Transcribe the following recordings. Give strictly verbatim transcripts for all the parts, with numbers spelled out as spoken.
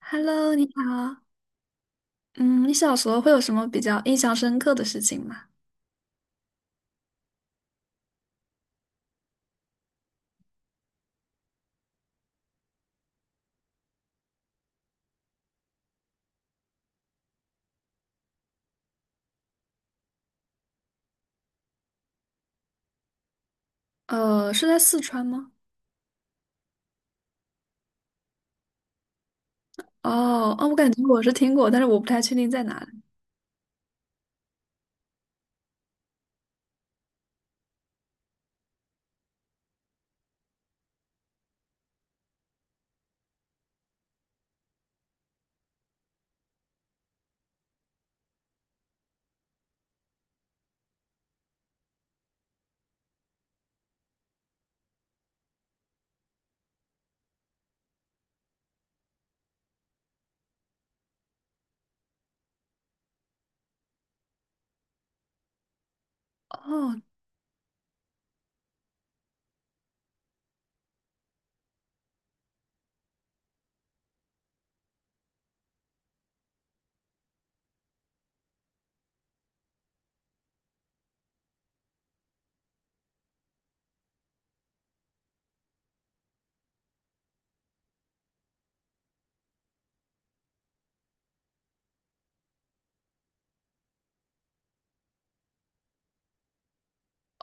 Hello，你好。嗯，你小时候会有什么比较印象深刻的事情吗？呃，是在四川吗？哦，哦，我感觉我是听过，但是我不太确定在哪里。哦，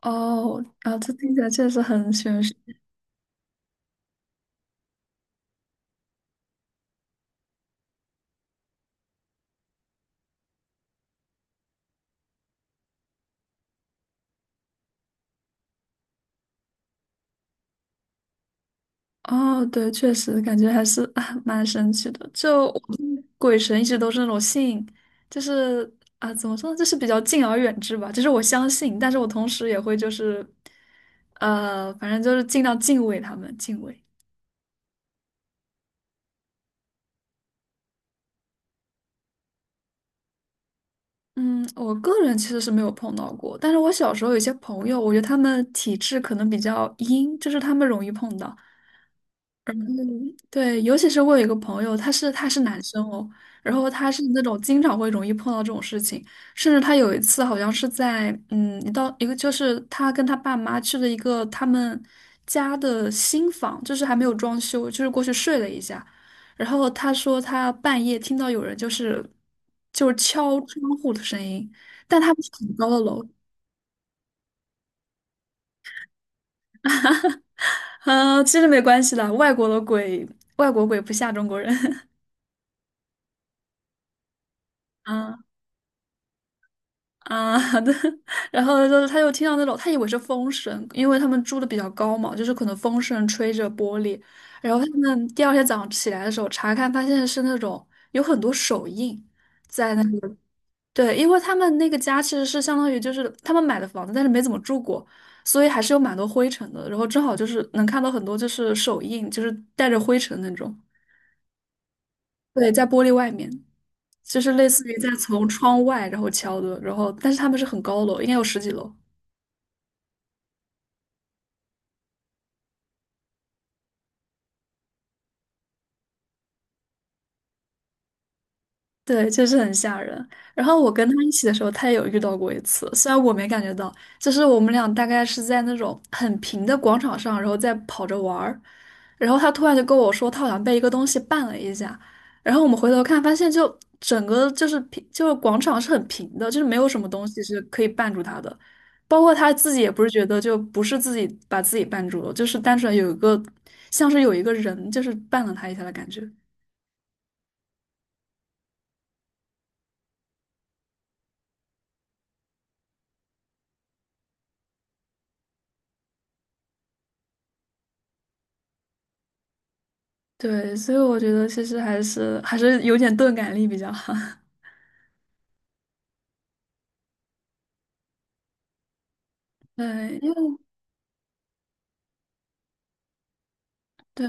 哦，啊，这听起来确实很玄学。哦，对，确实感觉还是 啊蛮神奇的。就我对鬼神一直都是那种信，就是啊，怎么说呢，就是比较敬而远之吧。就是我相信，但是我同时也会就是，呃，反正就是尽量敬畏他们，敬畏。嗯，我个人其实是没有碰到过，但是我小时候有一些朋友，我觉得他们体质可能比较阴，就是他们容易碰到。对，尤其是我有一个朋友，他是他是男生哦，然后他是那种经常会容易碰到这种事情，甚至他有一次好像是在嗯，一到一个就是他跟他爸妈去了一个他们家的新房，就是还没有装修，就是过去睡了一下，然后他说他半夜听到有人就是就是敲窗户的声音，但他不是很高的楼，啊，其实没关系的，外国的鬼，外国鬼不吓中国人，啊。啊，好的，然后就是他又听到那种，他以为是风声，因为他们住的比较高嘛，就是可能风声吹着玻璃。然后他们第二天早上起来的时候查看，发现是那种有很多手印在那个，对，因为他们那个家其实是相当于就是他们买的房子，但是没怎么住过，所以还是有蛮多灰尘的。然后正好就是能看到很多就是手印，就是带着灰尘那种，对，在玻璃外面，就是类似于在从窗外然后敲的，然后但是他们是很高楼，应该有十几楼。对，就是很吓人。然后我跟他一起的时候，他也有遇到过一次，虽然我没感觉到，就是我们俩大概是在那种很平的广场上，然后在跑着玩儿，然后他突然就跟我说，他好像被一个东西绊了一下，然后我们回头看，发现就整个就是平，就是广场是很平的，就是没有什么东西是可以绊住他的，包括他自己也不是觉得就不是自己把自己绊住了，就是单纯有一个像是有一个人就是绊了他一下的感觉。对，所以我觉得其实还是还是有点钝感力比较好。对，因为对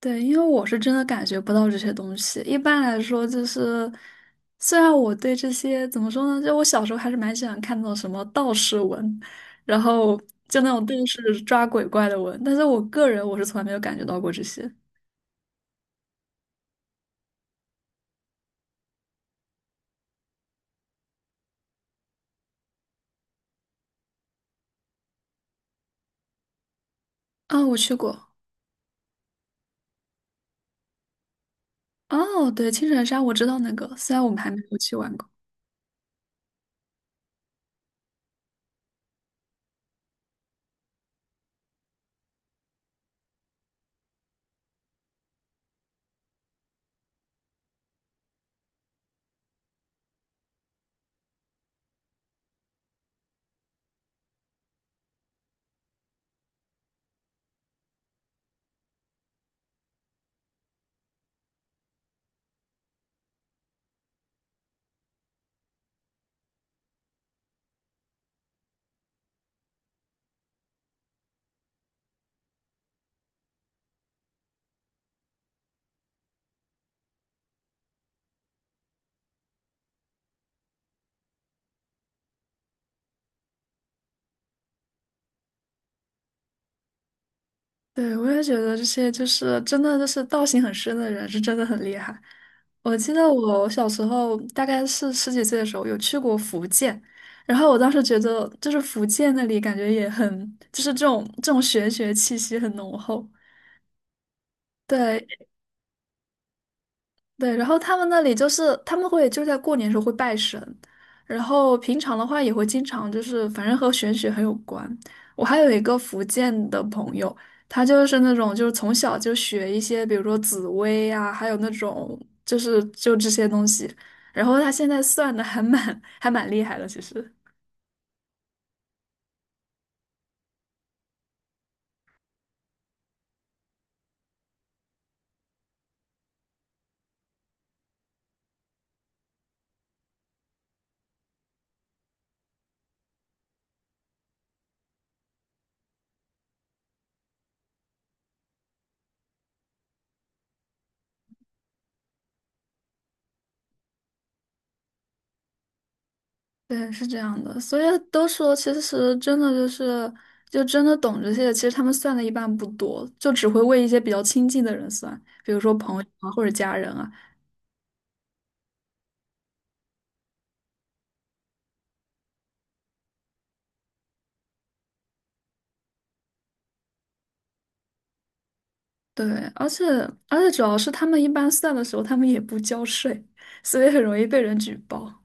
对，因为我是真的感觉不到这些东西。一般来说，就是虽然我对这些怎么说呢，就我小时候还是蛮喜欢看那种什么道士文，然后就那种电视抓鬼怪的文，但是我个人我是从来没有感觉到过这些。啊，我去过。哦，对，青城山我知道那个，虽然我们还没有去玩过。对，我也觉得这些就是真的，就是道行很深的人是真的很厉害。我记得我小时候大概是十几岁的时候有去过福建，然后我当时觉得就是福建那里感觉也很，就是这种这种玄学气息很浓厚。对，对，然后他们那里就是他们会就在过年的时候会拜神，然后平常的话也会经常就是反正和玄学很有关。我还有一个福建的朋友，他就是那种就是从小就学一些，比如说紫薇啊，还有那种就是就这些东西，然后他现在算的还蛮 还蛮厉害的，其实。对，是这样的，所以都说，其实真的就是，就真的懂这些，其实他们算的一般不多，就只会为一些比较亲近的人算，比如说朋友啊或者家人啊。对，而且而且主要是他们一般算的时候，他们也不交税，所以很容易被人举报。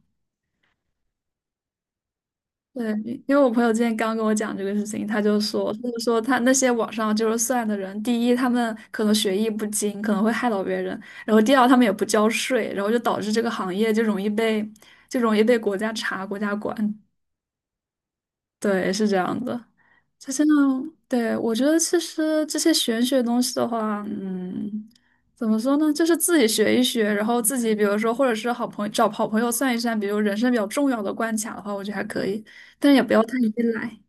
对，因因为我朋友今天刚跟我讲这个事情，他就说，他就说他那些网上就是算的人，第一，他们可能学艺不精，可能会害到别人；然后第二，他们也不交税，然后就导致这个行业就容易被就容易被国家查、国家管。对，是这样的。就像，对，我觉得其实这些玄学东西的话，嗯，怎么说呢？就是自己学一学，然后自己比如说，或者是好朋友找好朋友算一算，比如人生比较重要的关卡的话，我觉得还可以，但也不要太依赖。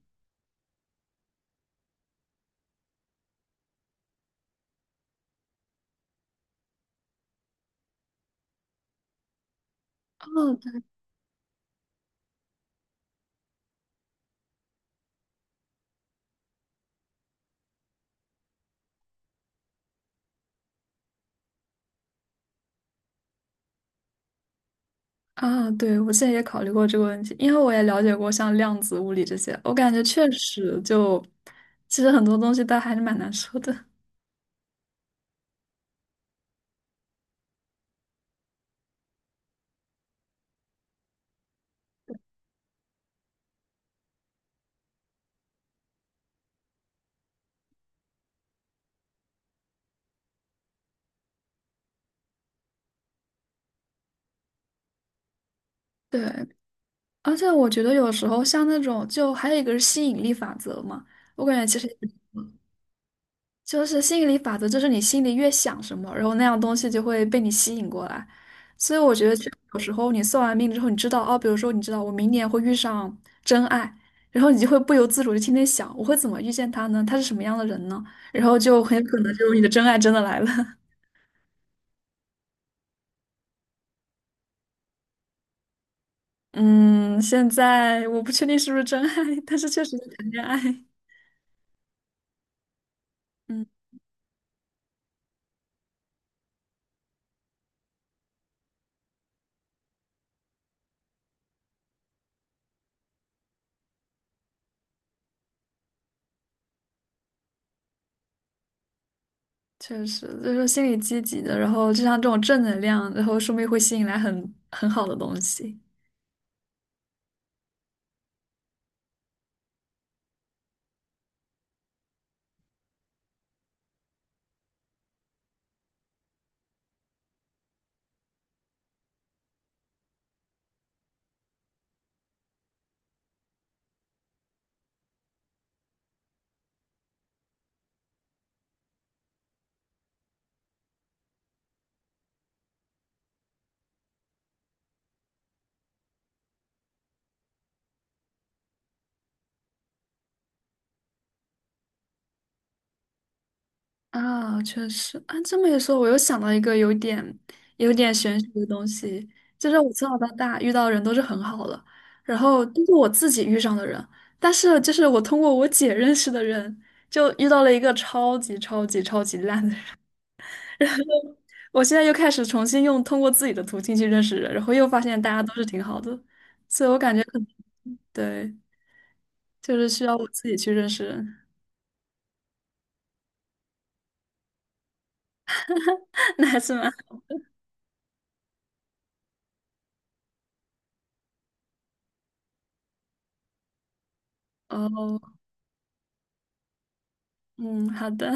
哦，啊，对，我之前也考虑过这个问题，因为我也了解过像量子物理这些，我感觉确实就，其实很多东西它还是蛮难说的。对，而且我觉得有时候像那种，就还有一个是吸引力法则嘛，我感觉其实就是心理法则，就是你心里越想什么，然后那样东西就会被你吸引过来。所以我觉得这有时候你算完命之后，你知道哦，比如说你知道我明年会遇上真爱，然后你就会不由自主的天天想，我会怎么遇见他呢？他是什么样的人呢？然后就很有可能就是你的真爱真的来了。嗯，现在我不确定是不是真爱，但是确实在谈恋爱。嗯，确实就是心理积极的，然后就像这种正能量，然后说不定会吸引来很很好的东西。啊，确实啊，这么一说，我又想到一个有点有点玄学的东西，就是我从小到大遇到人都是很好的，然后都是我自己遇上的人，但是就是我通过我姐认识的人，就遇到了一个超级超级超级烂的人。我现在又开始重新用通过自己的途径去认识人，然后又发现大家都是挺好的，所以我感觉可能对，就是需要我自己去认识人，那还是蛮哦，嗯，好的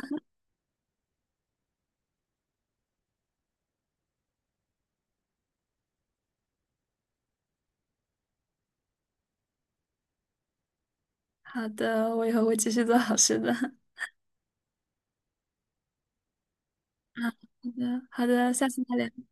好的，我以后会继续做好事的。好的，好的，下次再聊，拜拜。